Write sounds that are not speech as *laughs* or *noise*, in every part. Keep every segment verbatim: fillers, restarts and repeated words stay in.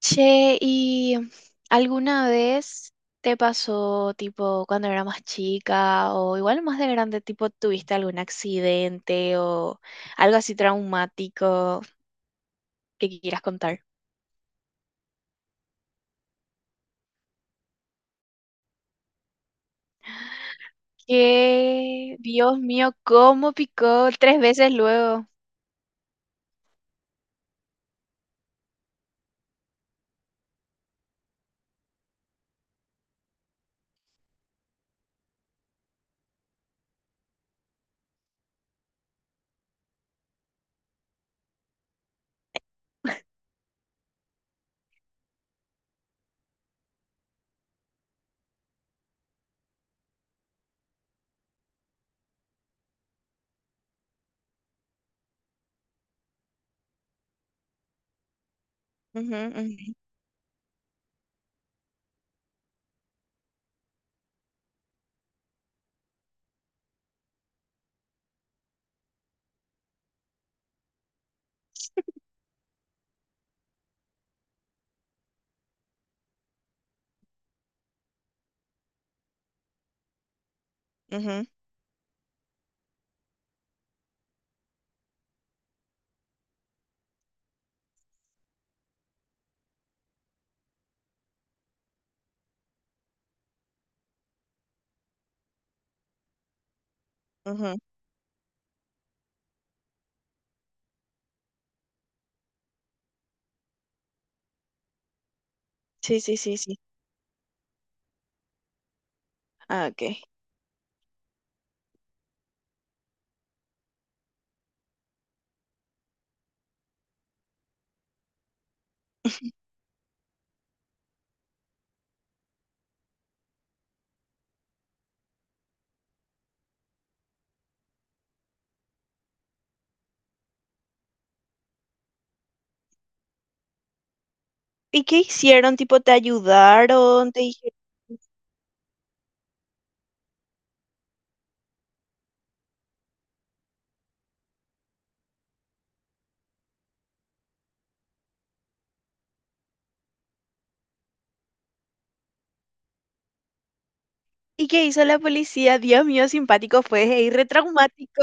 Che, ¿y alguna vez te pasó, tipo, cuando era más chica o igual más de grande, tipo, tuviste algún accidente o algo así traumático que quieras contar? Que, Dios mío, cómo picó tres veces luego. Ujú, ujú, ujú, ujú. Sí, sí, sí, sí. Ah, ok. ¿Y qué hicieron? Tipo, ¿te ayudaron? ¿Te dijeron? ¿Y qué hizo la policía? Dios mío, simpático fue, y retraumático.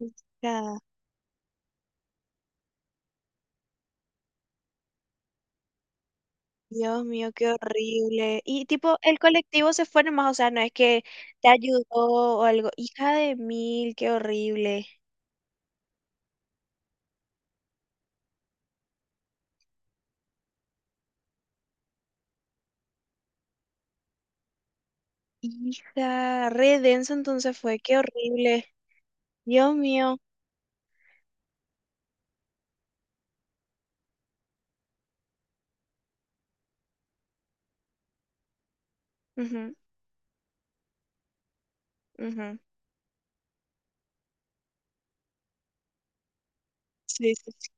*laughs* Dios mío, qué horrible. Y tipo, el colectivo se fue nomás, o sea, no es que te ayudó o algo. Hija de mil, qué horrible. Hija, re denso entonces fue, qué horrible. Dios mío. Ujú, ujú. Sí, sí, sí.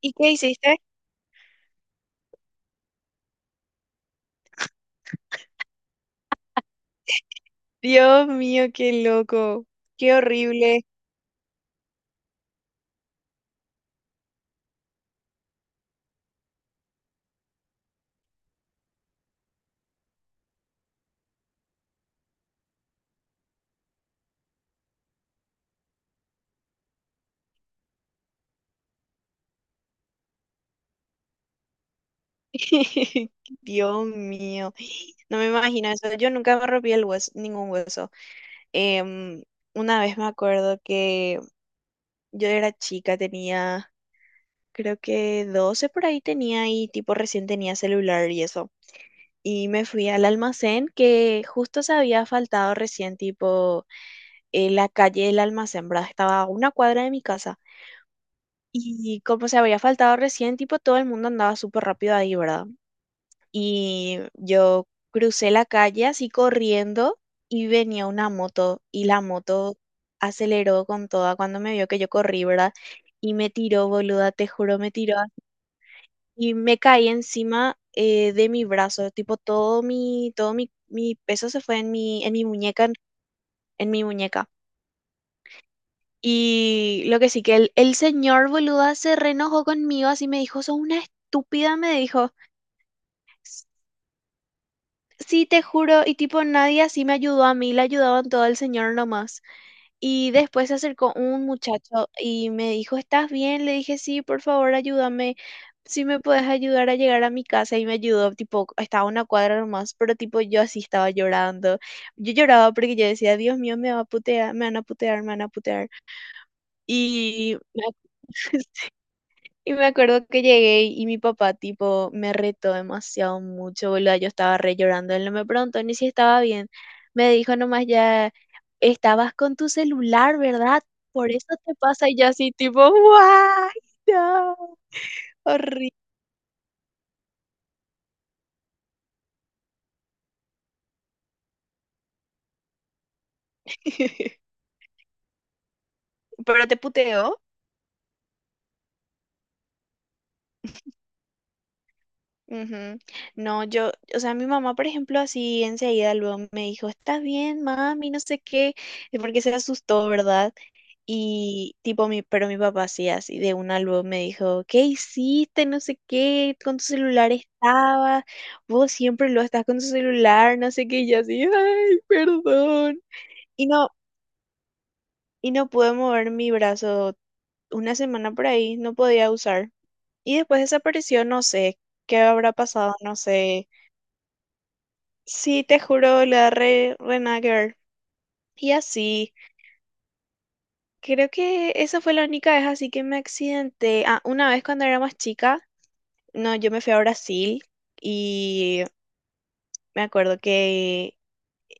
¿Y qué hiciste? Dios mío, qué loco. Qué horrible. *laughs* Dios mío. No me imagino eso. Yo nunca me rompí el hueso, ningún hueso. Em, una vez me acuerdo que yo era chica, tenía... creo que doce por ahí tenía y tipo recién tenía celular y eso. Y me fui al almacén que justo se había faltado recién, tipo, eh, la calle del almacén, ¿verdad? Estaba a una cuadra de mi casa. Y como se había faltado recién, tipo, todo el mundo andaba súper rápido ahí, ¿verdad? Y yo crucé la calle así corriendo y venía una moto y la moto aceleró con toda cuando me vio que yo corrí, ¿verdad? Y me tiró, boluda, te juro, me tiró y me caí encima eh, de mi brazo, tipo todo mi, todo mi, mi peso se fue en mi, en mi muñeca, en, en mi muñeca. Y lo que sí que el, el señor boluda se reenojó conmigo, así me dijo, sos una estúpida, me dijo, "S- sí, te juro, y tipo nadie así me ayudó a mí, le ayudaban todo el señor nomás. Y después se acercó un muchacho y me dijo, ¿estás bien? Le dije, sí, por favor, ayúdame. Si me puedes ayudar a llegar a mi casa y me ayudó, tipo, estaba a una cuadra nomás, pero tipo yo así estaba llorando. Yo lloraba porque yo decía, Dios mío, me va a putear, me van a putear, me van a putear. Y me ac- *laughs* Y me acuerdo que llegué y mi papá, tipo, me retó demasiado mucho, boludo. Yo estaba re llorando. Él no me preguntó ni si estaba bien. Me dijo nomás ya, estabas con tu celular, ¿verdad? Por eso te pasa. Y yo así, tipo, ¡guay! No, horrible. *laughs* Pero te puteó. Ujú. No, yo, o sea, mi mamá, por ejemplo, así enseguida luego me dijo, ¿estás bien, mami? No sé qué, porque se asustó, ¿verdad? Y tipo mi, pero mi papá sí, así de una luego me dijo, ¿qué hiciste? No sé qué, con tu celular estabas, vos siempre lo estás con tu celular, no sé qué, y yo así, ay, perdón. Y no, y no pude mover mi brazo una semana por ahí, no podía usar. Y después desapareció, no sé qué habrá pasado, no sé. Sí, te juro, la re, re nada que ver. Y así, creo que esa fue la única vez así que me accidenté. Ah, una vez cuando era más chica no, yo me fui a Brasil y me acuerdo que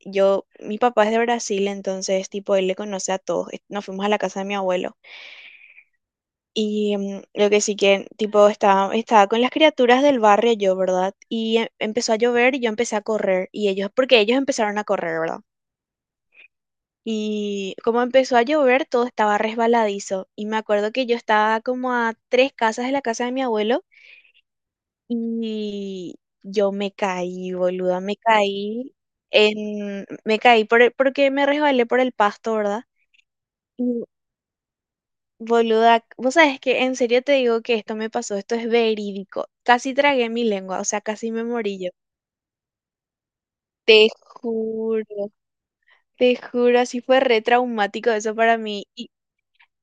yo, mi papá es de Brasil, entonces, tipo, él le conoce a todos. Eh, Nos fuimos a la casa de mi abuelo. Y mm, lo que sí que, tipo, estaba, estaba con las criaturas del barrio yo, ¿verdad? Y em- empezó a llover y yo empecé a correr. Y ellos, porque ellos empezaron a correr, ¿verdad? Y como empezó a llover, todo estaba resbaladizo. Y me acuerdo que yo estaba como a tres casas de la casa de mi abuelo y yo me caí, boluda, me caí en, me caí por el- porque me resbalé por el pasto, ¿verdad? Y boluda, vos sabés que en serio te digo que esto me pasó, esto es verídico. Casi tragué mi lengua, o sea, casi me morí yo. Te juro, te juro, así fue re traumático eso para mí. Y,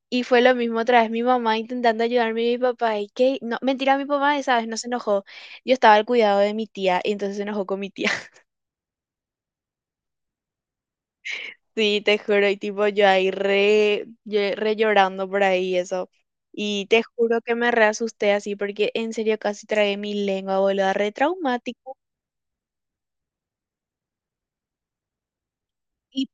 y fue lo mismo otra vez, mi mamá intentando ayudarme y mi papá. Y que, no, mentira, mi papá, esa vez no se enojó. Yo estaba al cuidado de mi tía y entonces se enojó con mi tía. Sí, te juro, y tipo yo ahí re, lle- re llorando por ahí eso. Y te juro que me re asusté así porque en serio casi tragué mi lengua, boluda, re traumático. Y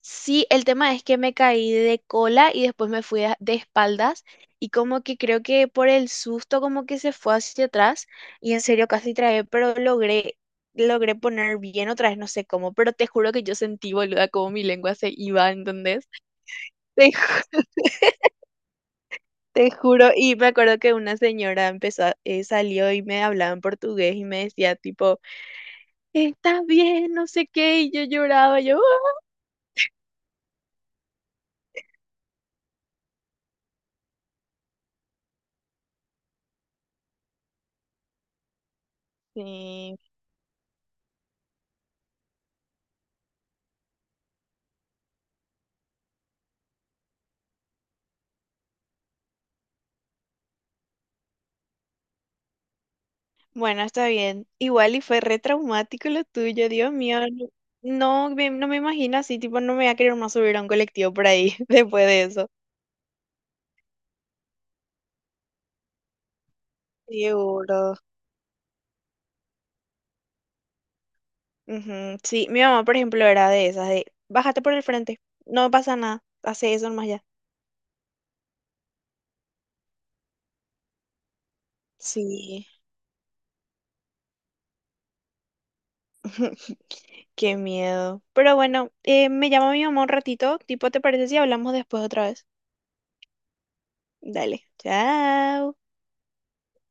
sí, el tema es que me caí de cola y después me fui a- de espaldas y como que creo que por el susto como que se fue hacia atrás y en serio casi tragué, pero logré, logré poner bien otra vez, no sé cómo, pero te juro que yo sentí, boluda, como mi lengua se iba, ¿entendés? Te Te juro, y me acuerdo que una señora empezó, a- eh, salió y me hablaba en portugués y me decía tipo, ¿estás bien? No sé qué, y yo lloraba, yo, "Ah". Sí, bueno, está bien. Igual y fue re traumático lo tuyo, Dios mío. No, no me, no me imagino así, tipo, no me voy a querer más subir a un colectivo por ahí *laughs* después de eso. Seguro. Ujú, sí, mi mamá, por ejemplo, era de esas, de, bájate por el frente, no pasa nada, hace eso nomás ya. Sí. *laughs* Qué miedo. Pero bueno, eh, me llama mi mamá un ratito. Tipo, ¿te parece si hablamos después otra vez? Dale. Chao.